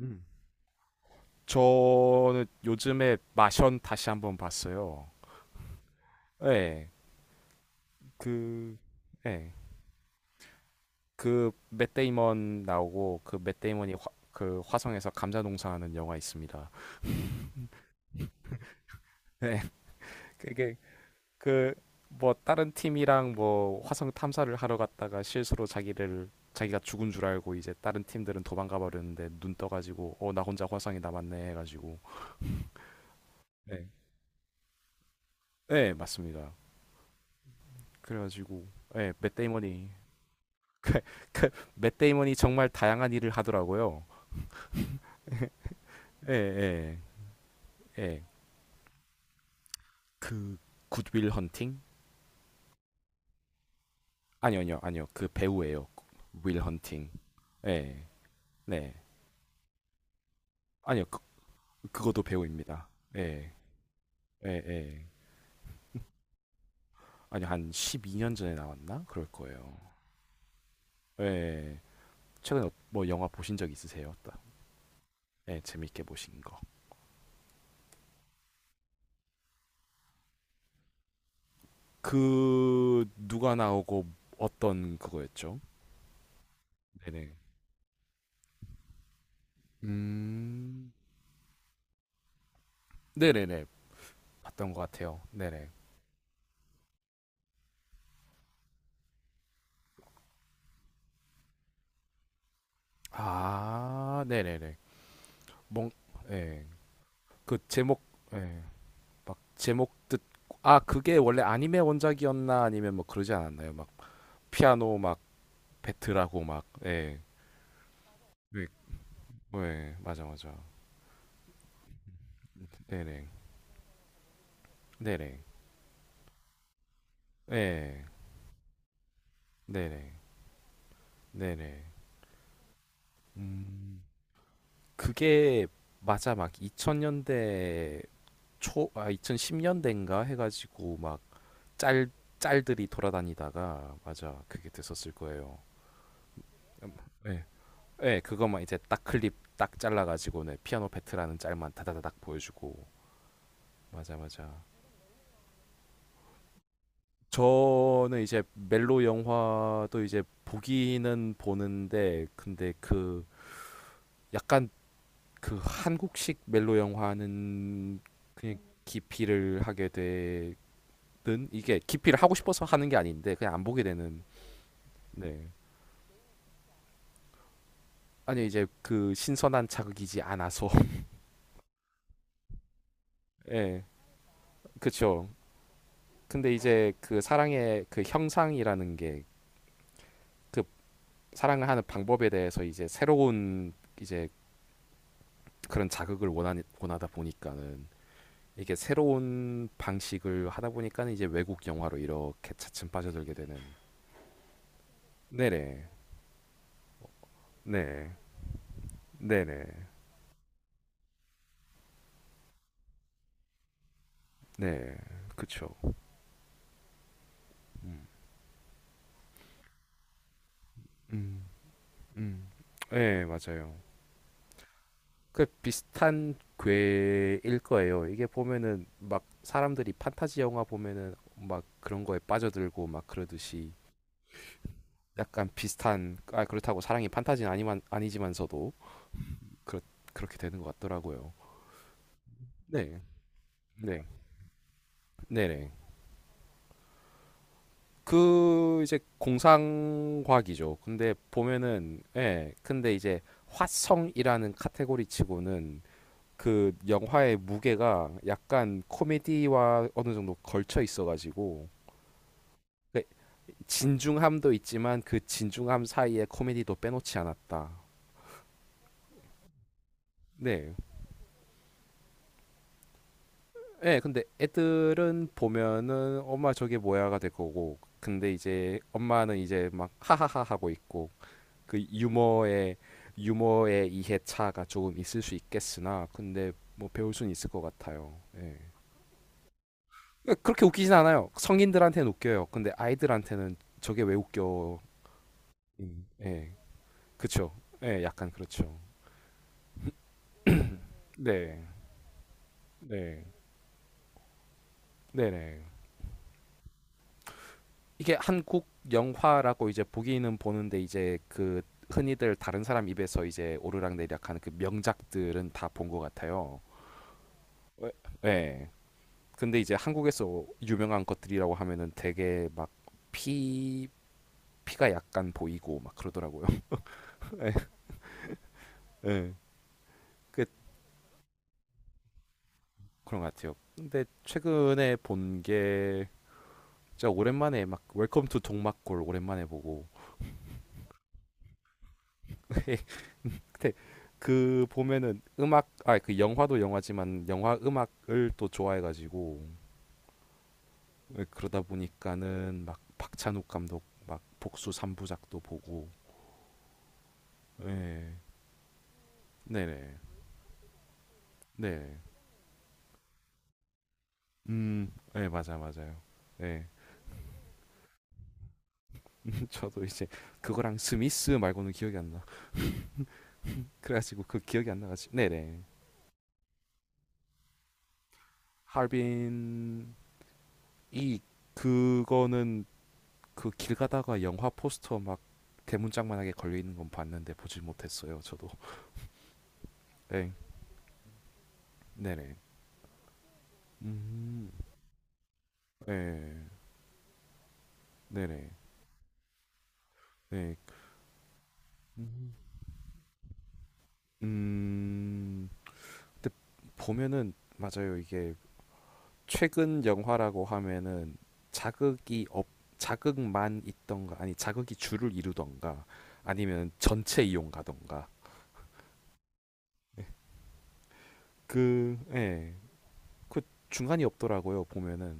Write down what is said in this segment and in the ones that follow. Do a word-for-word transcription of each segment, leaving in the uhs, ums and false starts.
음. 저는 요즘에 마션 다시 한번 봤어요. 예, 그, 예, 그맷 데이먼 나오고 그 맷 데이먼이 화, 그 화성에서 감자 농사하는 영화 있습니다. 예, 그게 그 뭐 다른 팀이랑 뭐 화성 탐사를 하러 갔다가 실수로 자기를 자기가 죽은 줄 알고 이제 다른 팀들은 도망가 버렸는데 눈 떠가지고 어 나 혼자 화성에 남았네 해가지고 네, 네 맞습니다. 그래가지고 예, 맷 데이먼이 맷 데이먼이 정말 다양한 일을 하더라고요. 예, 예, 예. 그 굿윌 헌팅? 아니요, 아니요, 아니요. 그 배우예요. 윌 헌팅. 예, 네. 아니요, 그, 그것도 배우입니다. 예, 예, 예. 아니요, 한 십이 년 전에 나왔나? 그럴 거예요. 예. 최근에 어- 뭐 영화 보신 적 있으세요? 따- 예, 재밌게 보신 거. 그 누가 나오고 어떤 그거였죠? 네네. 음, 네네네. 봤던 것 같아요. 네네. 아, 네네네. 뭔, 예. 그 제목, 예. 막 제목 듣, 아, 그게 원래 아니메 원작이었나 아니면 뭐 그러지 않았나요? 막 피아노 막 배틀하고 막, 예. 네, 예, 맞아, 맞아. 네네. 네네. 예. 네네. 네네. 음, 그게 맞아. 막 이천 년대 초, 아, 이천십 년대인가 해가지고 막 짤, 짤들이 돌아다니다가, 맞아. 그게 됐었을 거예요. 음, 예. 네, 그것만 이제 딱 클립 딱 잘라가지고는 피아노 페트라는 짤만 다다다닥 보여주고 맞아 맞아. 저는 이제 멜로 영화도 이제 보기는 보는데 근데 그 약간 그 한국식 멜로 영화는 그냥 기피를 하게 되는 이게 기피를 하고 싶어서 하는 게 아닌데 그냥 안 보게 되는 네 아니 이제 그 신선한 자극이지 않아서 예 그쵸. 근데 이제 그 사랑의 그 형상이라는 게그 사랑을 하는 방법에 대해서 이제 새로운 이제 그런 자극을 원하니, 원하다 보니까는 이게 새로운 방식을 하다 보니까는 이제 외국 영화로 이렇게 차츰 빠져들게 되는 네네 네 네네 네 그쵸 음, 음, 음. 네 맞아요. 그 비슷한 궤일 거예요. 이게 보면은 막 사람들이 판타지 영화 보면은 막 그런 거에 빠져들고 막 그러듯이 약간 비슷한. 아 그렇다고 사랑이 판타지는 아니만 아니지만서도 그렇 그렇게 되는 것 같더라고요. 네, 네, 네네. 그 이제 공상과학이죠. 근데 보면은 예, 근데 이제 화성이라는 카테고리치고는 그 영화의 무게가 약간 코미디와 어느 정도 걸쳐 있어가지고 그 진중함도 있지만 그 진중함 사이에 코미디도 빼놓지 않았다. 네, 예, 근데 애들은 보면은 엄마 저게 뭐야가 될 거고, 근데 이제 엄마는 이제 막 하하하 하고 있고, 그 유머의 유머의 이해차가 조금 있을 수 있겠으나, 근데 뭐 배울 수는 있을 것 같아요. 예. 그러니까 그렇게 웃기진 않아요. 성인들한테는 웃겨요. 근데 아이들한테는 저게 왜 웃겨? 음, 예, 그쵸. 예, 약간 그렇죠. 네, 네, 네네. 이게 한국 영화라고 이제 보기는 보는데 이제 그 흔히들 다른 사람 입에서 이제 오르락내리락 하는 그 명작들은 다 본 것 같아요. 왜? 네. 근데 이제 한국에서 유명한 것들이라고 하면은 되게 막 피, 피가 약간 보이고 막 그러더라고요. 예. 예. 그 그런 것 같아요. 근데 최근에 본 게 진짜 오랜만에 막 웰컴 투 동막골 오랜만에 보고 근데 그 보면은 음악 아 그 영화도 영화지만 영화 음악을 또 좋아해가지고 예, 그러다 보니까는 막 박찬욱 감독 막 복수 삼부작도 보고 예 네네 네음예 맞아 맞아요. 예 저도 이제 그거랑 스미스 말고는 기억이 안 나. 그래가지고 그 기억이 안 나가지고 네네. 할빈 이 그거는 그 길 가다가 영화 포스터 막 대문짝만하게 걸려 있는 건 봤는데 보질 못했어요. 저도. 네, 네네. 음, 네, 네네. 네, 음, 음, 근데 보면은 맞아요. 이게 최근 영화라고 하면은 자극이 없, 자극만 있던가 아니 자극이 줄을 이루던가 아니면 전체 이용 가던가. 네. 그, 예, 그 중간이 없더라고요. 보면은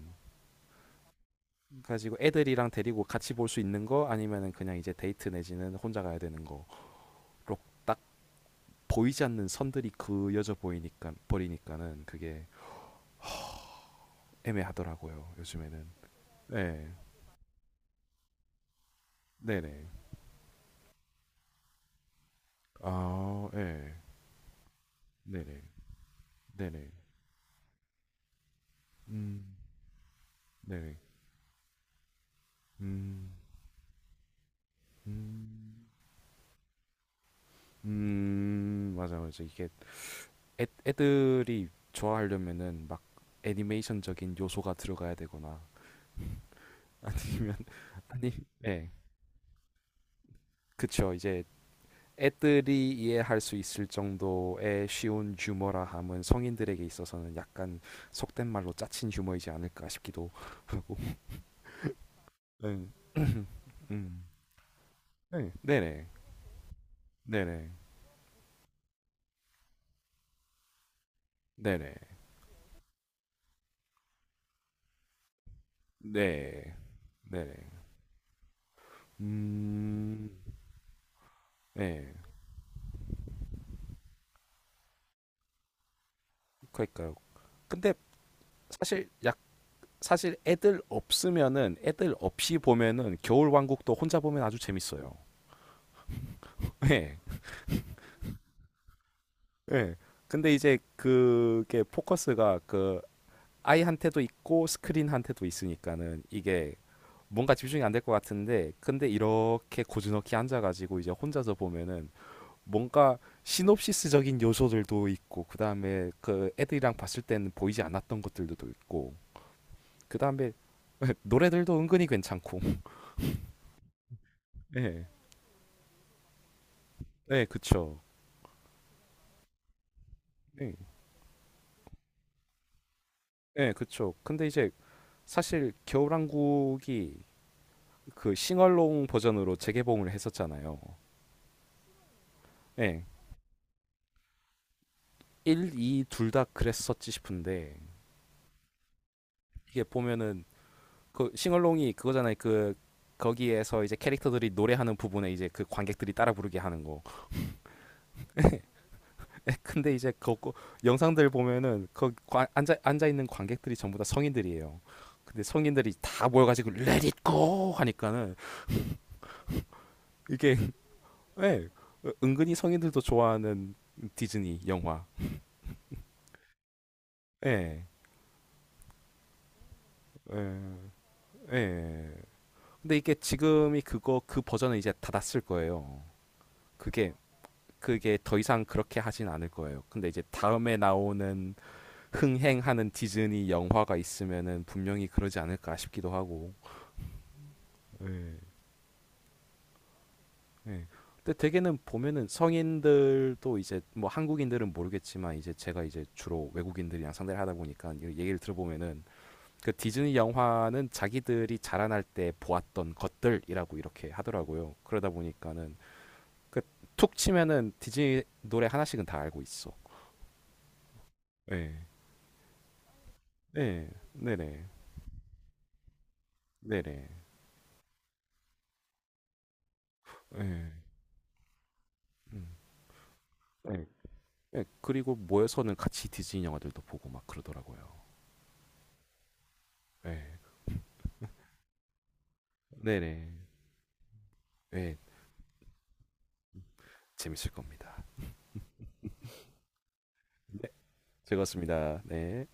가지고 애들이랑 데리고 같이 볼 수 있는 거 아니면은 그냥 이제 데이트 내지는 혼자 가야 되는 거로 딱 보이지 않는 선들이 그여져 보이니까 버리니까는 그게 애매하더라고요 요즘에는. 네 네네 아 네 네네 네네 음 네네 음 음, 음, 맞아 맞아. 이게 애, 애들이 좋아하려면은 막 애니메이션적인 요소가 들어가야 되거나 아니면 아니 네 그쵸. 이제 애들이 이해할 수 있을 정도의 쉬운 유머라 함은 성인들에게 있어서는 약간 속된 말로 짜친 유머이지 않을까 싶기도 하고. 네, 음. 네, 네네, 네네, 네네, 네, 네네. 음, 네, 그러니까요. 근데 사실 약 사실 애들 없으면은 애들 없이 보면은 겨울왕국도 혼자 보면 아주 재밌어요. 네, 네. 근데 이제 그게 포커스가 그 아이한테도 있고 스크린한테도 있으니까는 이게 뭔가 집중이 안 될 것 같은데 근데 이렇게 고즈넉히 앉아가지고 이제 혼자서 보면은 뭔가 시놉시스적인 요소들도 있고 그 다음에 그 애들이랑 봤을 때는 보이지 않았던 것들도 또 있고 그 다음에 노래들도 은근히 괜찮고 네 네 그쵸 네 네 그쵸. 근데 이제 사실 겨울왕국이 그 싱얼롱 버전으로 재개봉을 했었잖아요. 네 일, 이 둘 다 그랬었지 싶은데 이게 보면은 그 싱얼롱이 그거잖아요. 그 거기에서 이제 캐릭터들이 노래하는 부분에 이제 그 관객들이 따라 부르게 하는 거. 근데 이제 그 영상들 보면은 그 관- 앉아 앉아 있는 관객들이 전부 다 성인들이에요. 근데 성인들이 다 모여가지고 Let It Go 하니까는 이게 예 은근히 성인들도 좋아하는 디즈니 영화. 예. 예. 예. 근데 이게 지금이 그거 그 버전은 이제 닫았을 거예요. 그게 그게 더 이상 그렇게 하진 않을 거예요. 근데 이제 다음에 나오는 흥행하는 디즈니 영화가 있으면은 분명히 그러지 않을까 싶기도 하고. 예. 예. 근데 대개는 보면은 성인들도 이제 뭐 한국인들은 모르겠지만 이제 제가 이제 주로 외국인들이랑 상대를 하다 보니까 이 얘기를 들어보면은 그 디즈니 영화는 자기들이 자라날 때 보았던 것들이라고 이렇게 하더라고요. 그러다 보니까는 그 툭 치면은 디즈니 노래 하나씩은 다 알고 있어. 예. 예. 네네. 네네. 예. 음. 예. 예. 그리고 모여서는 같이 디즈니 영화들도 보고 막 그러더라고요. 예. 네네. 예. 재밌을 겁니다. 즐거웠습니다. 네.